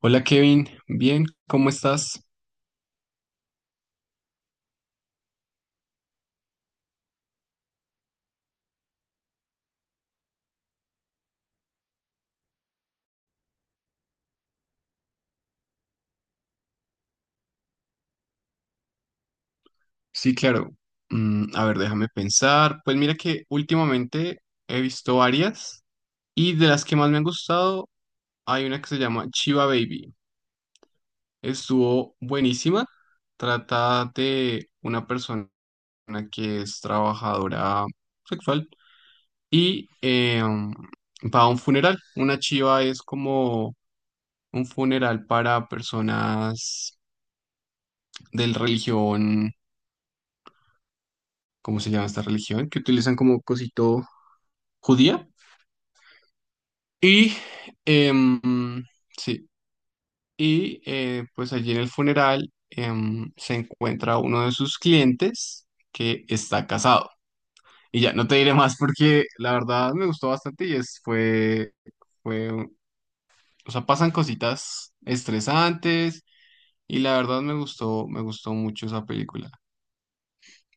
Hola Kevin, bien, ¿cómo estás? Sí, claro. Mm, a ver, déjame pensar. Pues mira que últimamente he visto varias y de las que más me han gustado hay una que se llama Chiva Baby. Estuvo buenísima. Trata de una persona que es trabajadora sexual y va a un funeral. Una chiva es como un funeral para personas de religión. ¿Cómo se llama esta religión? Que utilizan como cosito, judía. Y, em, sí, y pues allí en el funeral se encuentra uno de sus clientes que está casado. Y ya, no te diré más porque la verdad me gustó bastante y fue, o sea, pasan cositas estresantes y la verdad me gustó mucho esa película.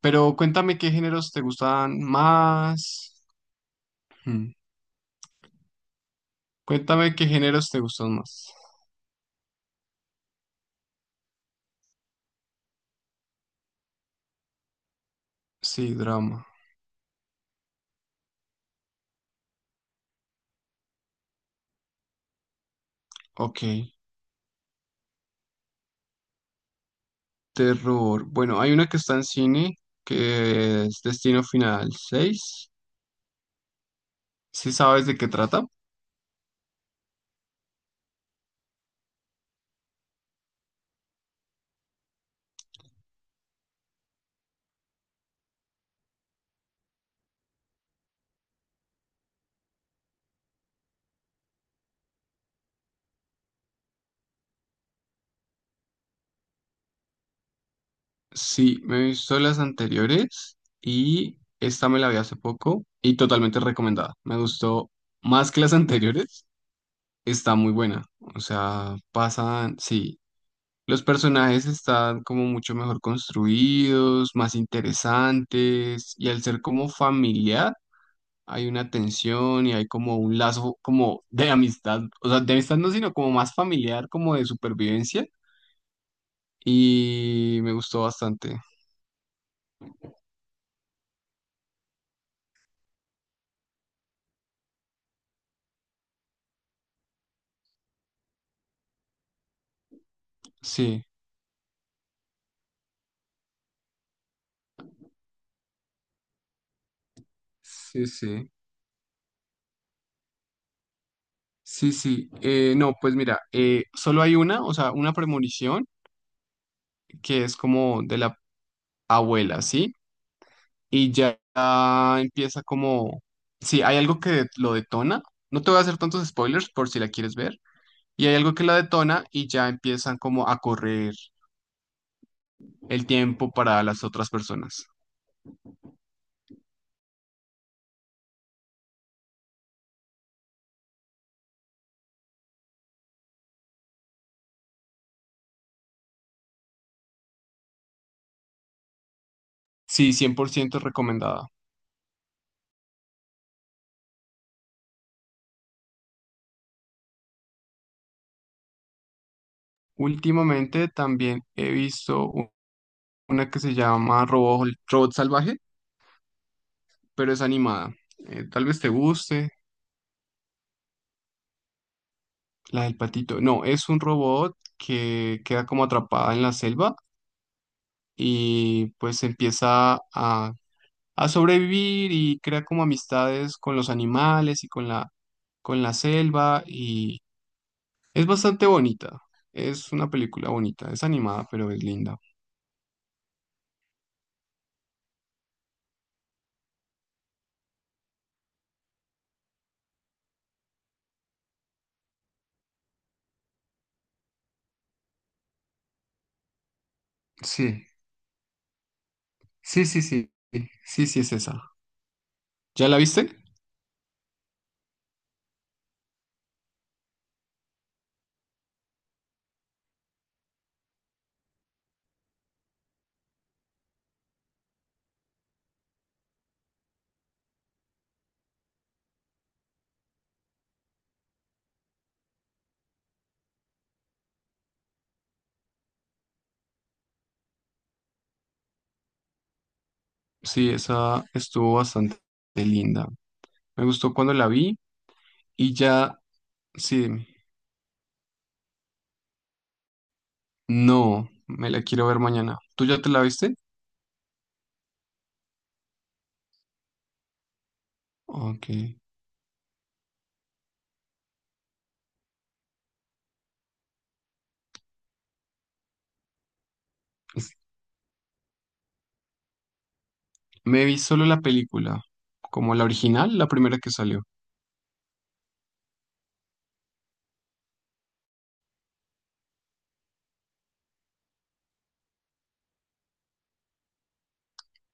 Pero cuéntame qué géneros te gustan más. Hmm. Cuéntame qué géneros te gustan más. Sí, drama. Ok. Terror. Bueno, hay una que está en cine que es Destino Final 6. ¿Sí sabes de qué trata? Sí, me he visto las anteriores y esta me la vi hace poco y totalmente recomendada. Me gustó más que las anteriores. Está muy buena. O sea, pasan, sí. Los personajes están como mucho mejor construidos, más interesantes y al ser como familiar hay una tensión y hay como un lazo como de amistad, o sea, de amistad no, sino como más familiar, como de supervivencia y me gustó bastante. Sí, sí, sí. Sí, sí. No, pues mira, solo hay una, o sea, una premonición que es como de la abuela, ¿sí? Y ya empieza como, sí, hay algo que lo detona. No te voy a hacer tantos spoilers por si la quieres ver. Y hay algo que la detona y ya empiezan como a correr el tiempo para las otras personas. Sí, 100% recomendada. Últimamente también he visto una que se llama Robot Salvaje, pero es animada. Tal vez te guste, la del patito. No, es un robot que queda como atrapada en la selva y pues empieza a sobrevivir y crea como amistades con los animales y con la selva y es bastante bonita. Es una película bonita, es animada, pero es linda. Sí, sí, sí, sí, sí, sí, es esa. ¿Ya la viste? Sí, esa estuvo bastante linda. Me gustó cuando la vi y ya, sí, dime. No, me la quiero ver mañana. ¿Tú ya te la viste? Ok. Me vi solo la película, como la original, la primera que salió.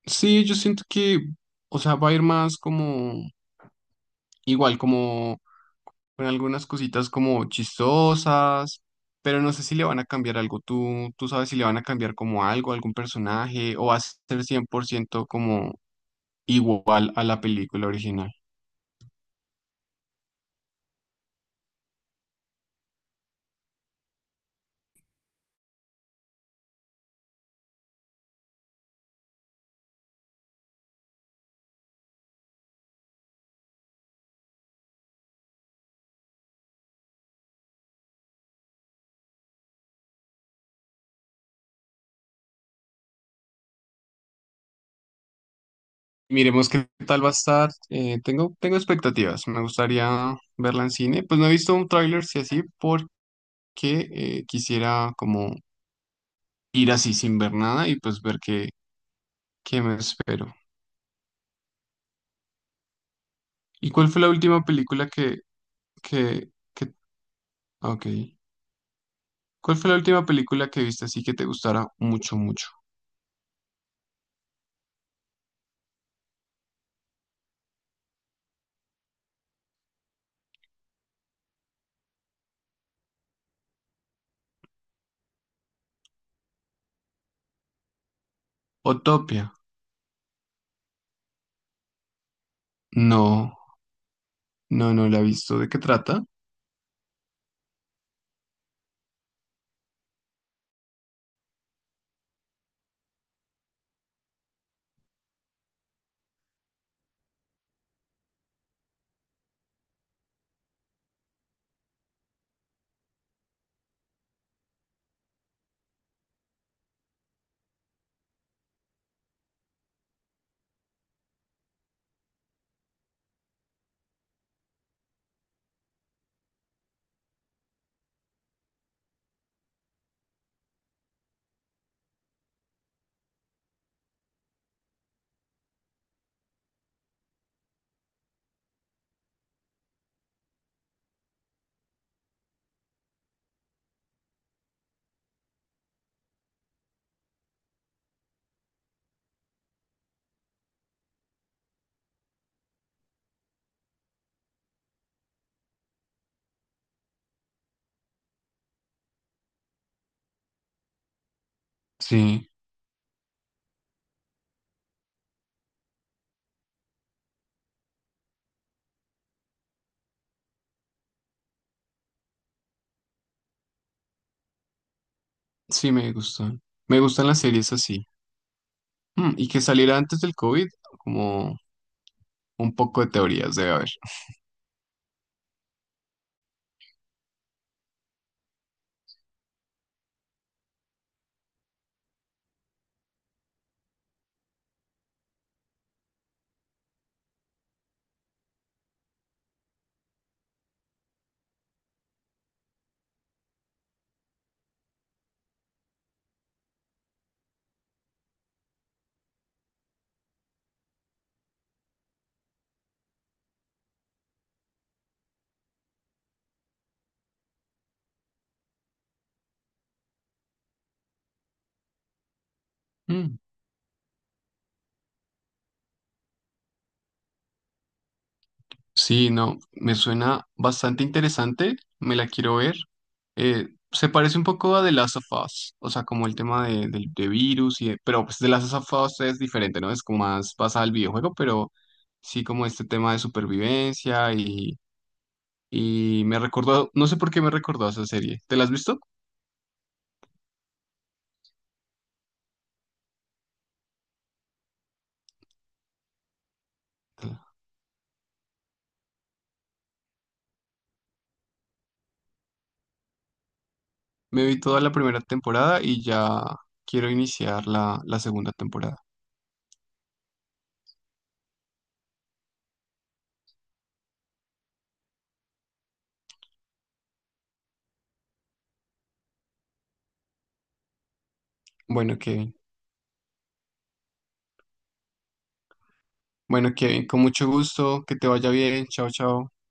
Sí, yo siento o sea, va a ir más como igual, como con algunas cositas como chistosas, pero no sé si le van a cambiar algo. ¿Tú sabes si le van a cambiar como algo, algún personaje, o va a ser 100% como igual a la película original? Miremos qué tal va a estar. Tengo expectativas. Me gustaría verla en cine. Pues no he visto un tráiler, si así, porque quisiera como ir así sin ver nada y pues ver qué me espero. ¿Y cuál fue la última película que, ah, ok. ¿Cuál fue la última película que viste así que te gustara mucho? Utopia. No, no, no la he visto. ¿De qué trata? Sí, sí me gustan. Me gustan las series así. Mm, y que saliera antes del COVID, como un poco de teorías debe haber. Sí, no, me suena bastante interesante, me la quiero ver. Se parece un poco a The Last of Us, o sea, como el tema de virus pero pues The Last of Us es diferente, ¿no? Es como más basada al videojuego, pero sí como este tema de supervivencia y me recordó, no sé por qué me recordó a esa serie. ¿Te la has visto? Me vi toda la primera temporada y ya quiero iniciar la segunda temporada. Bueno, Kevin. Bueno, Kevin, con mucho gusto, que te vaya bien. Chao, chao.